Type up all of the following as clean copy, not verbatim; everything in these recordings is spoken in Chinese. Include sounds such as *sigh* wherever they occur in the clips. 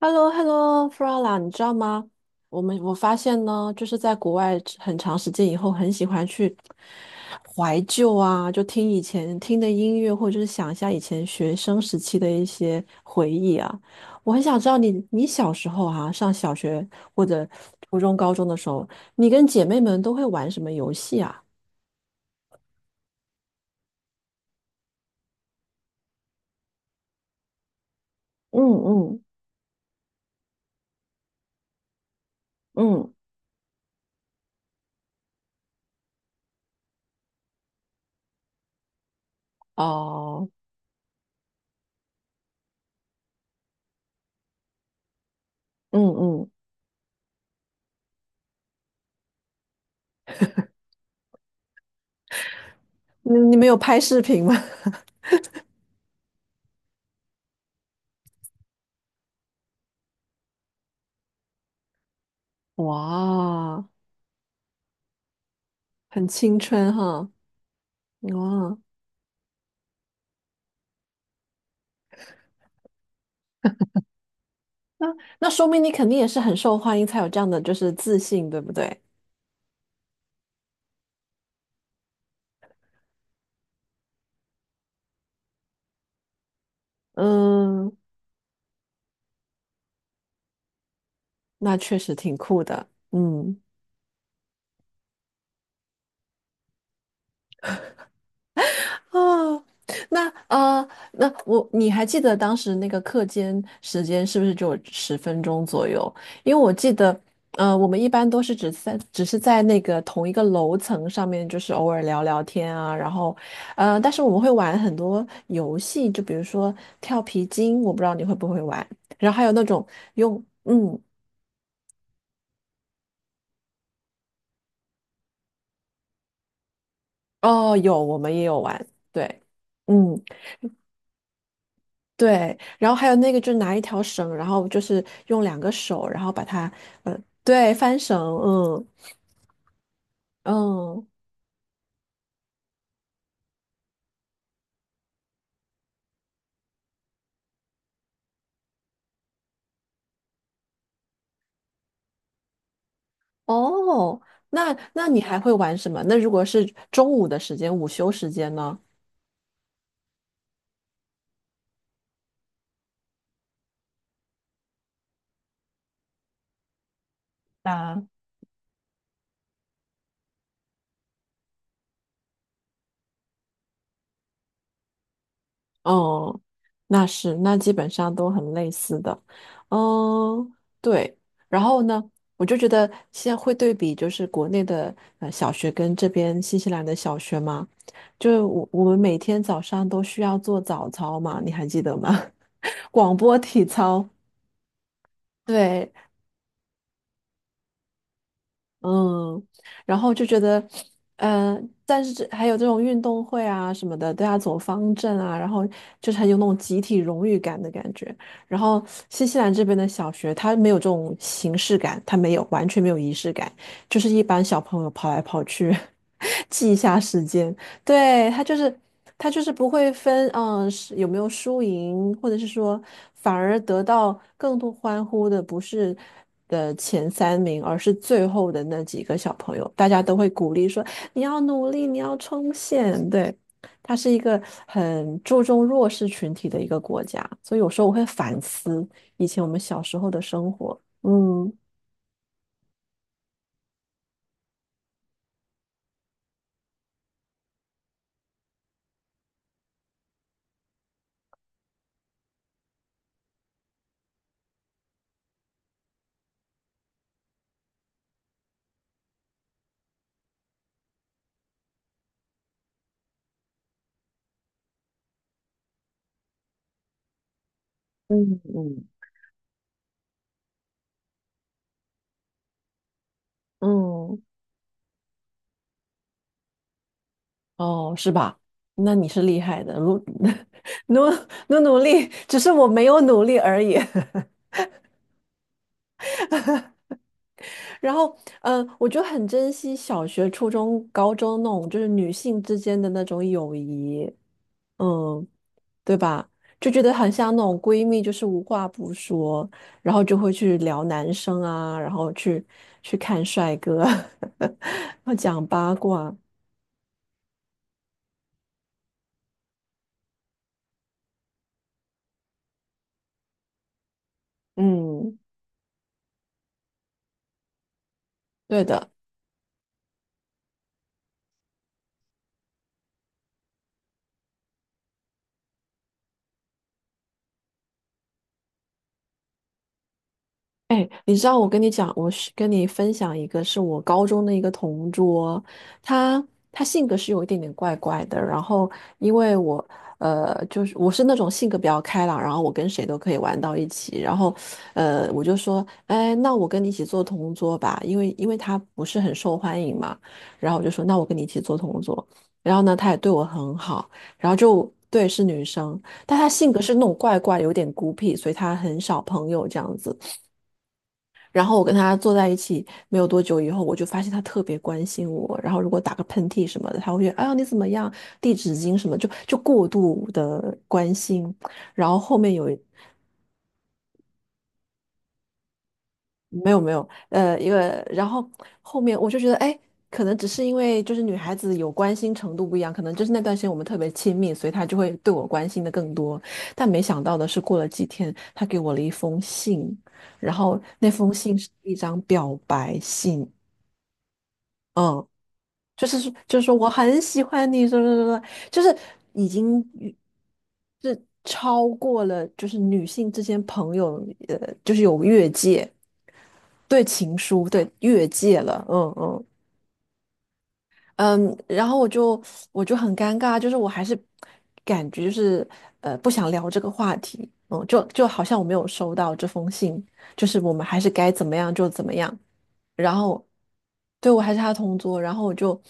h e l l o h e l l o f r a l a 你知道吗？我发现呢，就是在国外很长时间以后，很喜欢去怀旧啊，就听以前听的音乐，或者是想一下以前学生时期的一些回忆啊。我很想知道你小时候啊，上小学或者初中、高中的时候，你跟姐妹们都会玩什么游戏啊？嗯嗯嗯哦，嗯嗯，你们有拍视频吗？*laughs* 哇，很青春哈。哦，那那说明你肯定也是很受欢迎，才有这样的就是自信，对不对？嗯，那确实挺酷的。嗯。哦，那呃，那我你还记得当时那个课间时间是不是就有10分钟左右？因为我记得，我们一般都是只是在那个同一个楼层上面，就是偶尔聊聊天啊，然后，但是我们会玩很多游戏，就比如说跳皮筋，我不知道你会不会玩，然后还有那种用，嗯，哦，有，我们也有玩，对，嗯。对，然后还有那个，就拿一条绳，然后就是用两个手，然后把它，呃，对，翻绳，嗯嗯，哦，那你还会玩什么？那如果是中午的时间，午休时间呢？啊。哦，那是，那基本上都很类似的，嗯，对。然后呢，我就觉得现在会对比，就是国内的小学跟这边新西兰的小学嘛，就我们每天早上都需要做早操嘛，你还记得吗？*laughs* 广播体操，对。嗯，然后就觉得，但是这还有这种运动会啊什么的，都要走方阵啊，然后就是很有那种集体荣誉感的感觉。然后新西兰这边的小学，它没有这种形式感，它没有完全没有仪式感，就是一般小朋友跑来跑去，*laughs* 记一下时间，对，他就是不会分，嗯，是有没有输赢，或者是说，反而得到更多欢呼的不是的前三名，而是最后的那几个小朋友，大家都会鼓励说你要努力，你要冲线。对，它是一个很注重弱势群体的一个国家，所以有时候我会反思以前我们小时候的生活。嗯嗯嗯。嗯。哦，是吧？那你是厉害的，*laughs* 努努力，只是我没有努力而已。*laughs* 然后，我就很珍惜小学、初中、高中那种就是女性之间的那种友谊，嗯，对吧？就觉得很像那种闺蜜，就是无话不说，然后就会去聊男生啊，然后去看帅哥，*laughs* 要讲八卦，嗯，对的。哎，你知道我跟你讲，我是跟你分享一个，是我高中的一个同桌，他他性格是有一点点怪怪的。然后因为我就是我是那种性格比较开朗，然后我跟谁都可以玩到一起。然后我就说，哎，那我跟你一起做同桌吧，因为他不是很受欢迎嘛。然后我就说，那我跟你一起做同桌。然后呢，他也对我很好，然后就对是女生，但她性格是那种怪怪，有点孤僻，所以她很少朋友这样子。然后我跟他坐在一起没有多久以后，我就发现他特别关心我。然后如果打个喷嚏什么的，他会觉得哎呀你怎么样，递纸巾什么，就过度的关心。然后后面有没有没有一个，然后后面我就觉得哎，可能只是因为就是女孩子有关心程度不一样，可能就是那段时间我们特别亲密，所以他就会对我关心的更多。但没想到的是，过了几天，他给我了一封信，然后那封信是一张表白信。嗯，就是说我很喜欢你，什么什么什么，就是已经与是超过了，就是女性之间朋友，就是有越界，对情书，对越界了，嗯嗯。嗯，然后我就很尴尬，就是我还是感觉就是不想聊这个话题，嗯，就好像我没有收到这封信，就是我们还是该怎么样就怎么样。然后对我还是他同桌，然后我就，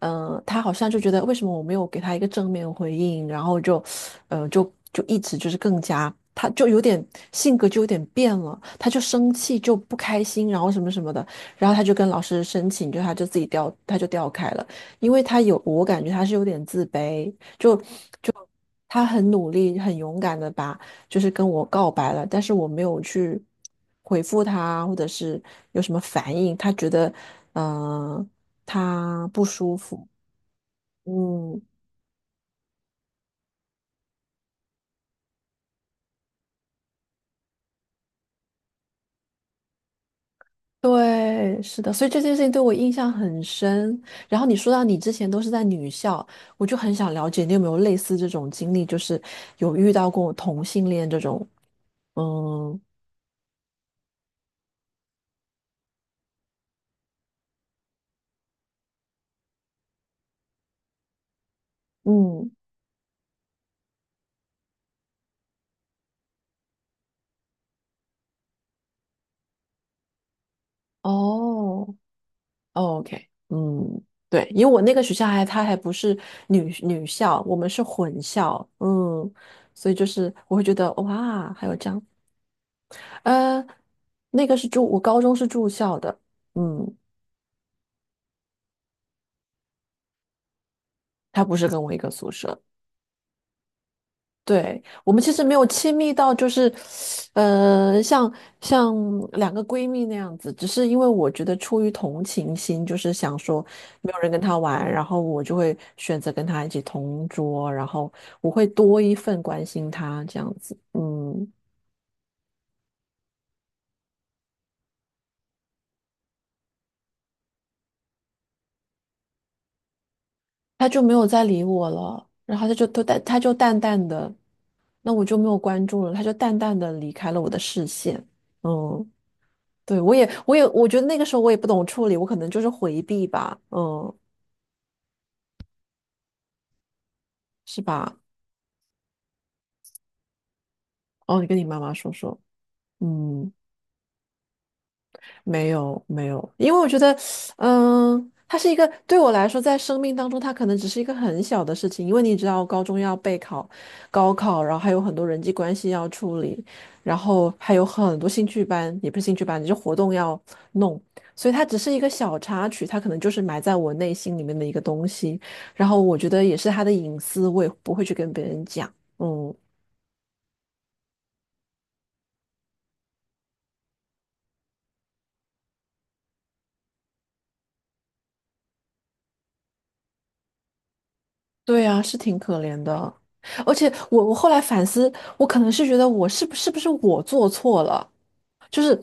他好像就觉得为什么我没有给他一个正面回应，然后就，就一直就是更加，他就有点性格就有点变了，他就生气就不开心，然后什么什么的，然后他就跟老师申请，就他就自己调，他就调开了。因为他有，我感觉他是有点自卑，就他很努力、很勇敢的把就是跟我告白了，但是我没有去回复他，或者是有什么反应，他觉得嗯、呃他不舒服，嗯。对，是的，所以这件事情对我印象很深。然后你说到你之前都是在女校，我就很想了解你有没有类似这种经历，就是有遇到过同性恋这种，嗯嗯，哦，哦 OK，嗯，对，因为我那个学校还它还不是女校，我们是混校，嗯，所以就是我会觉得哇，还有这样，呃，那个是住，我高中是住校的，嗯，他不是跟我一个宿舍，对，我们其实没有亲密到，就是，呃，像像两个闺蜜那样子，只是因为我觉得出于同情心，就是想说没有人跟她玩，然后我就会选择跟她一起同桌，然后我会多一份关心她这样子，嗯，她就没有再理我了，然后她就都淡，她就淡淡的，那我就没有关注了，她就淡淡的离开了我的视线，嗯。对，我觉得那个时候我也不懂处理，我可能就是回避吧，嗯，是吧？哦，你跟你妈妈说说，嗯，没有没有，因为我觉得，它是一个对我来说，在生命当中，它可能只是一个很小的事情，因为你知道，高中要备考、高考，然后还有很多人际关系要处理，然后还有很多兴趣班，也不是兴趣班，就是活动要弄，所以它只是一个小插曲，它可能就是埋在我内心里面的一个东西，然后我觉得也是他的隐私，我也不会去跟别人讲，嗯。对呀，是挺可怜的。而且我后来反思，我可能是觉得我是不是我做错了，就是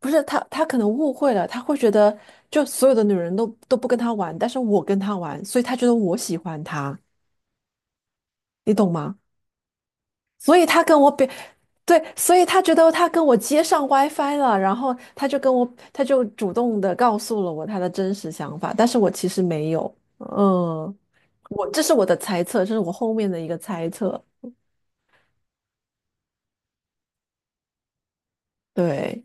不是他可能误会了，他会觉得就所有的女人都不跟他玩，但是我跟他玩，所以他觉得我喜欢他，你懂吗？所以他跟我表，对，所以他觉得他跟我接上 WiFi 了，然后他就主动的告诉了我他的真实想法，但是我其实没有，我这是我的猜测，这是我后面的一个猜测，对。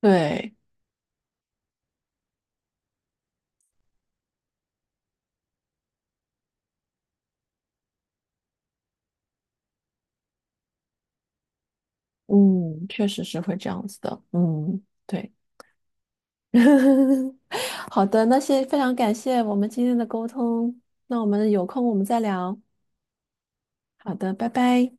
对，嗯，确实是会这样子的，嗯，对，*laughs* 好的，那先非常感谢我们今天的沟通，那我们有空我们再聊，好的，拜拜。